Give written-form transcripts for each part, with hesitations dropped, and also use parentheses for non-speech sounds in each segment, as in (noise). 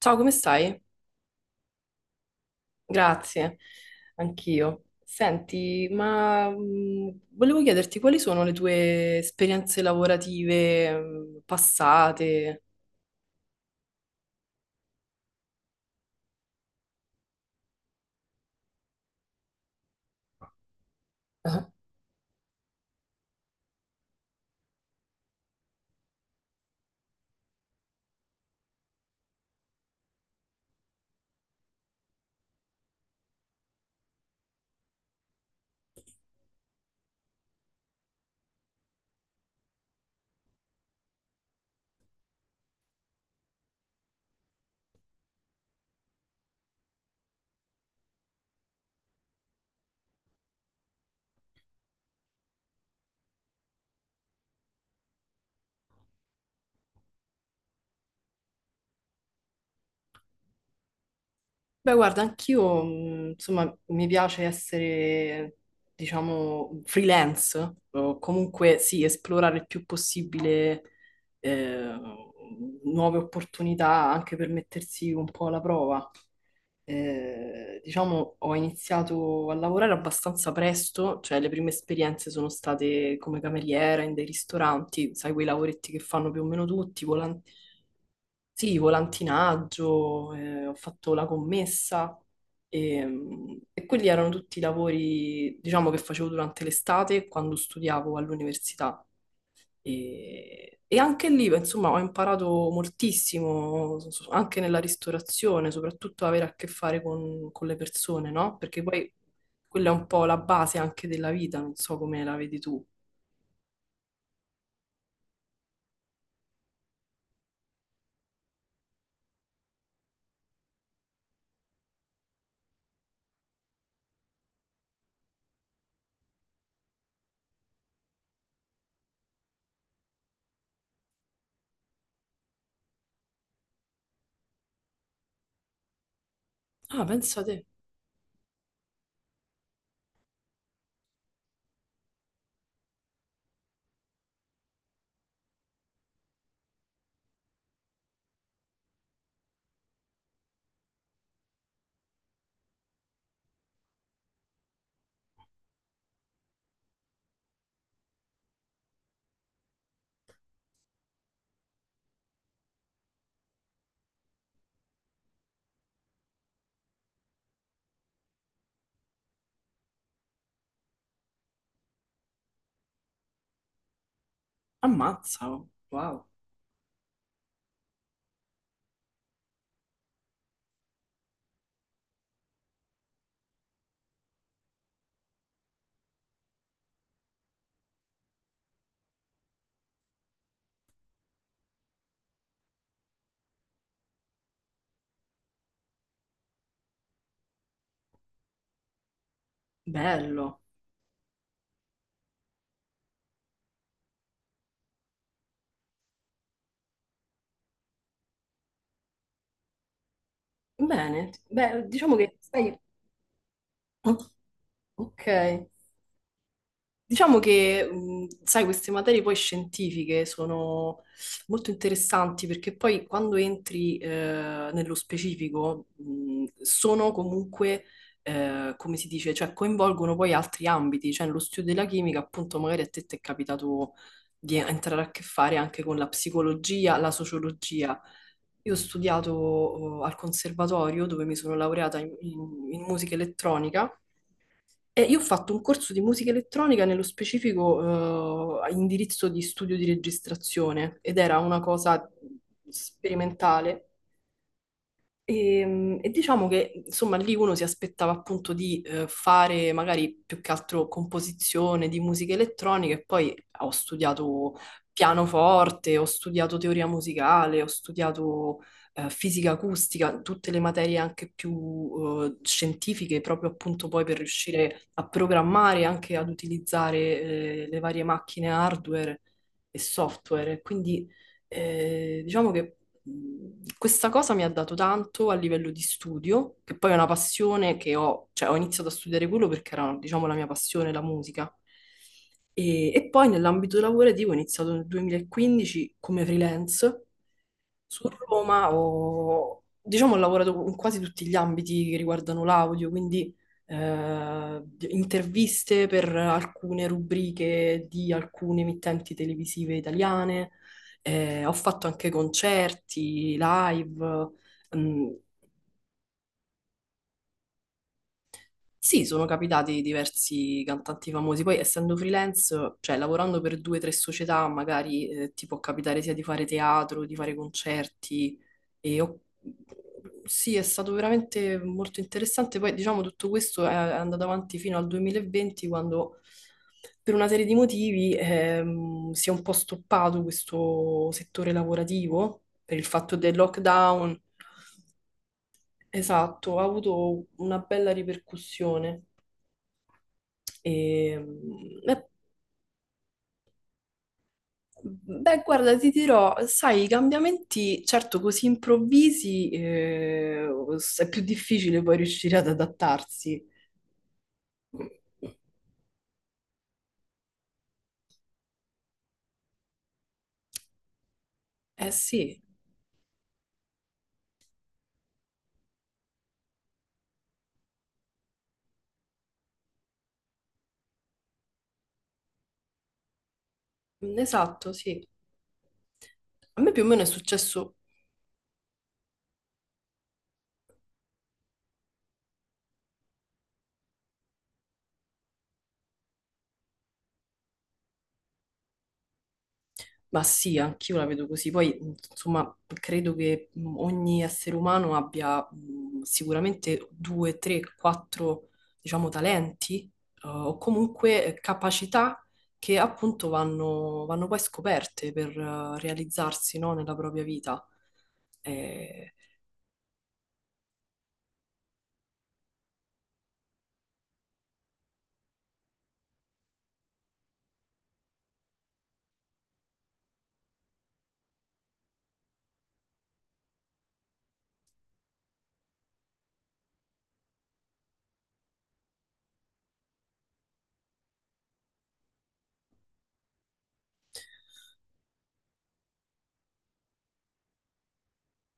Ciao, come stai? Grazie, anch'io. Senti, volevo chiederti quali sono le tue esperienze lavorative passate? Ah. Beh, guarda, anch'io, insomma, mi piace essere, diciamo, freelance, o comunque sì, esplorare il più possibile eh, nuove opportunità anche per mettersi un po' alla prova. Diciamo, ho iniziato a lavorare abbastanza presto, cioè le prime esperienze sono state come cameriera in dei ristoranti, sai, quei lavoretti che fanno più o meno tutti, sì, volantinaggio, ho fatto la commessa e quelli erano tutti i lavori, diciamo, che facevo durante l'estate quando studiavo all'università. E anche lì, beh, insomma, ho imparato moltissimo, anche nella ristorazione, soprattutto avere a che fare con le persone, no? Perché poi quella è un po' la base anche della vita, non so come la vedi tu. Ah, pensa te, ammazza, oh, wow, bello. Bene, beh, diciamo che stai... Ok. Diciamo che, sai, queste materie poi scientifiche sono molto interessanti perché poi quando entri nello specifico sono comunque, come si dice, cioè coinvolgono poi altri ambiti, cioè nello studio della chimica appunto magari a te ti è capitato di entrare a che fare anche con la psicologia, la sociologia. Io ho studiato al conservatorio dove mi sono laureata in musica elettronica. Io ho fatto un corso di musica elettronica, nello specifico, a indirizzo di studio di registrazione ed era una cosa sperimentale e diciamo che insomma lì uno si aspettava appunto di fare magari più che altro composizione di musica elettronica e poi ah, ho studiato pianoforte, ho studiato teoria musicale, ho studiato fisica acustica, tutte le materie anche più scientifiche proprio appunto poi per riuscire a programmare e anche ad utilizzare le varie macchine hardware e software. Quindi diciamo che questa cosa mi ha dato tanto a livello di studio, che poi è una passione che ho, cioè ho iniziato a studiare quello perché era, diciamo, la mia passione, la musica. E poi nell'ambito lavorativo ho iniziato nel 2015 come freelance su Roma ho, diciamo, ho lavorato in quasi tutti gli ambiti che riguardano l'audio, quindi eh, interviste per alcune rubriche di alcune emittenti televisive italiane, ho fatto anche concerti, live, mm. Sì, sono capitati diversi cantanti famosi, poi essendo freelance, cioè lavorando per due o tre società, magari ti può capitare sia di fare teatro, di fare concerti. E ho- Sì, è stato veramente molto interessante. Poi diciamo tutto questo è andato avanti fino al 2020, quando per una serie di motivi si è un po' stoppato questo settore lavorativo per il fatto del lockdown. Esatto, ha avuto una bella ripercussione. E, e- beh, guarda, ti dirò, sai, i cambiamenti, certo, così improvvisi, è più difficile poi riuscire ad adattarsi. Eh sì, esatto, sì. A me più o meno è successo. Ma sì, anch'io la vedo così. Poi, insomma, credo che ogni essere umano abbia sicuramente due, tre, quattro, diciamo, talenti o comunque capacità che appunto vanno poi scoperte per realizzarsi, no, nella propria vita. Eh.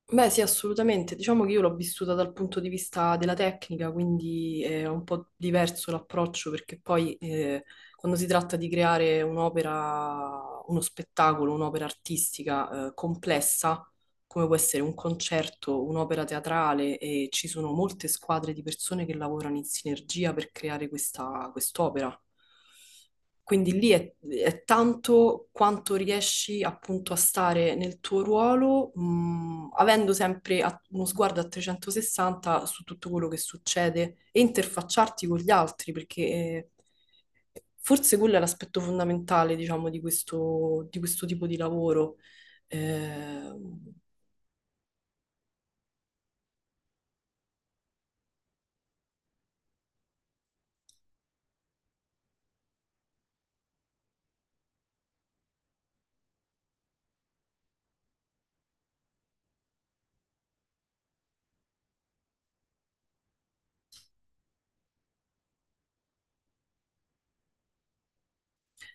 Beh, sì, assolutamente. Diciamo che io l'ho vissuta dal punto di vista della tecnica, quindi è un po' diverso l'approccio perché poi quando si tratta di creare un'opera, uno spettacolo, un'opera artistica complessa, come può essere un concerto, un'opera teatrale, e ci sono molte squadre di persone che lavorano in sinergia per creare questa quest'opera. Quindi è tanto quanto riesci appunto a stare nel tuo ruolo, avendo sempre uno sguardo a 360 su tutto quello che succede e interfacciarti con gli altri, perché forse quello è l'aspetto fondamentale, diciamo, di questo tipo di lavoro. Eh.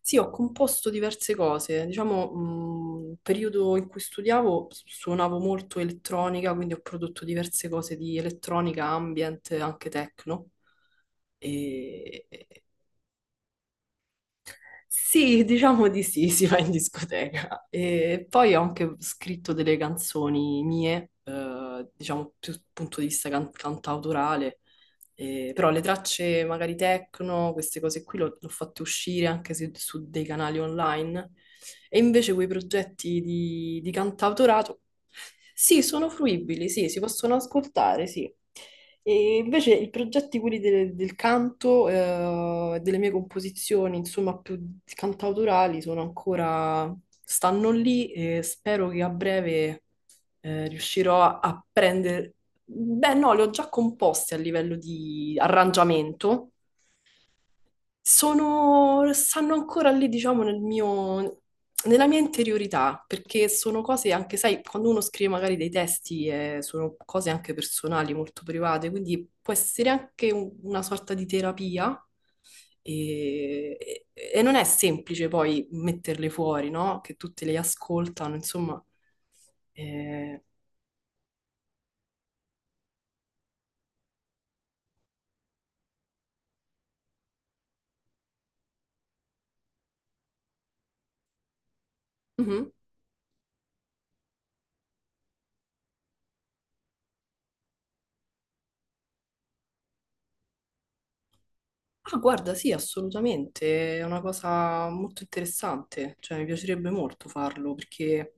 Sì, ho composto diverse cose. Diciamo, il periodo in cui studiavo suonavo molto elettronica, quindi ho prodotto diverse cose di elettronica, ambient, anche techno. E... Sì, diciamo di sì, (laughs) si va in discoteca. E poi ho anche scritto delle canzoni mie, diciamo più dal punto di vista cantautorale. Però le tracce magari techno, queste cose qui le ho fatte uscire anche su dei canali online e invece quei progetti di cantautorato, sì, sono fruibili, sì, si possono ascoltare, sì. E invece i progetti, quelli del canto, delle mie composizioni, insomma, più cantautorali, sono ancora, stanno lì e spero che a breve, riuscirò a prendere... Beh, no, li ho già composti a livello di arrangiamento, sono, stanno ancora lì, diciamo, nel mio, nella mia interiorità, perché sono cose anche, sai, quando uno scrive magari dei testi, sono cose anche personali, molto private, quindi può essere anche una sorta di terapia. E, e- e non è semplice poi metterle fuori, no? Che tutte le ascoltano, insomma. Eh, mhm. Ah, guarda, sì, assolutamente, è una cosa molto interessante, cioè mi piacerebbe molto farlo perché...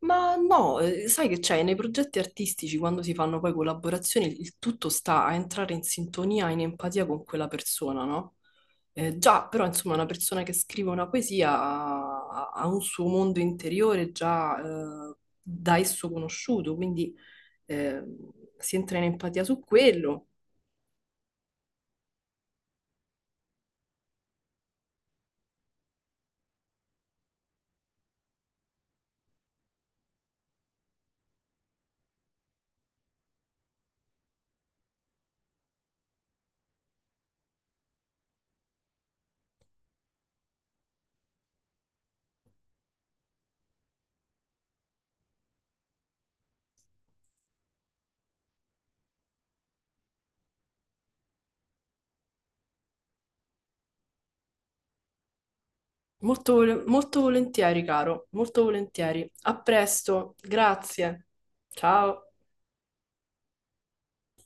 Ma no, sai che c'è, nei progetti artistici quando si fanno poi collaborazioni il tutto sta a entrare in sintonia, in empatia con quella persona, no? Già, però insomma una persona che scrive una poesia ha un suo mondo interiore già da esso conosciuto, quindi eh, si entra in empatia su quello. Molto, molto volentieri, caro, molto volentieri. A presto, grazie. Ciao.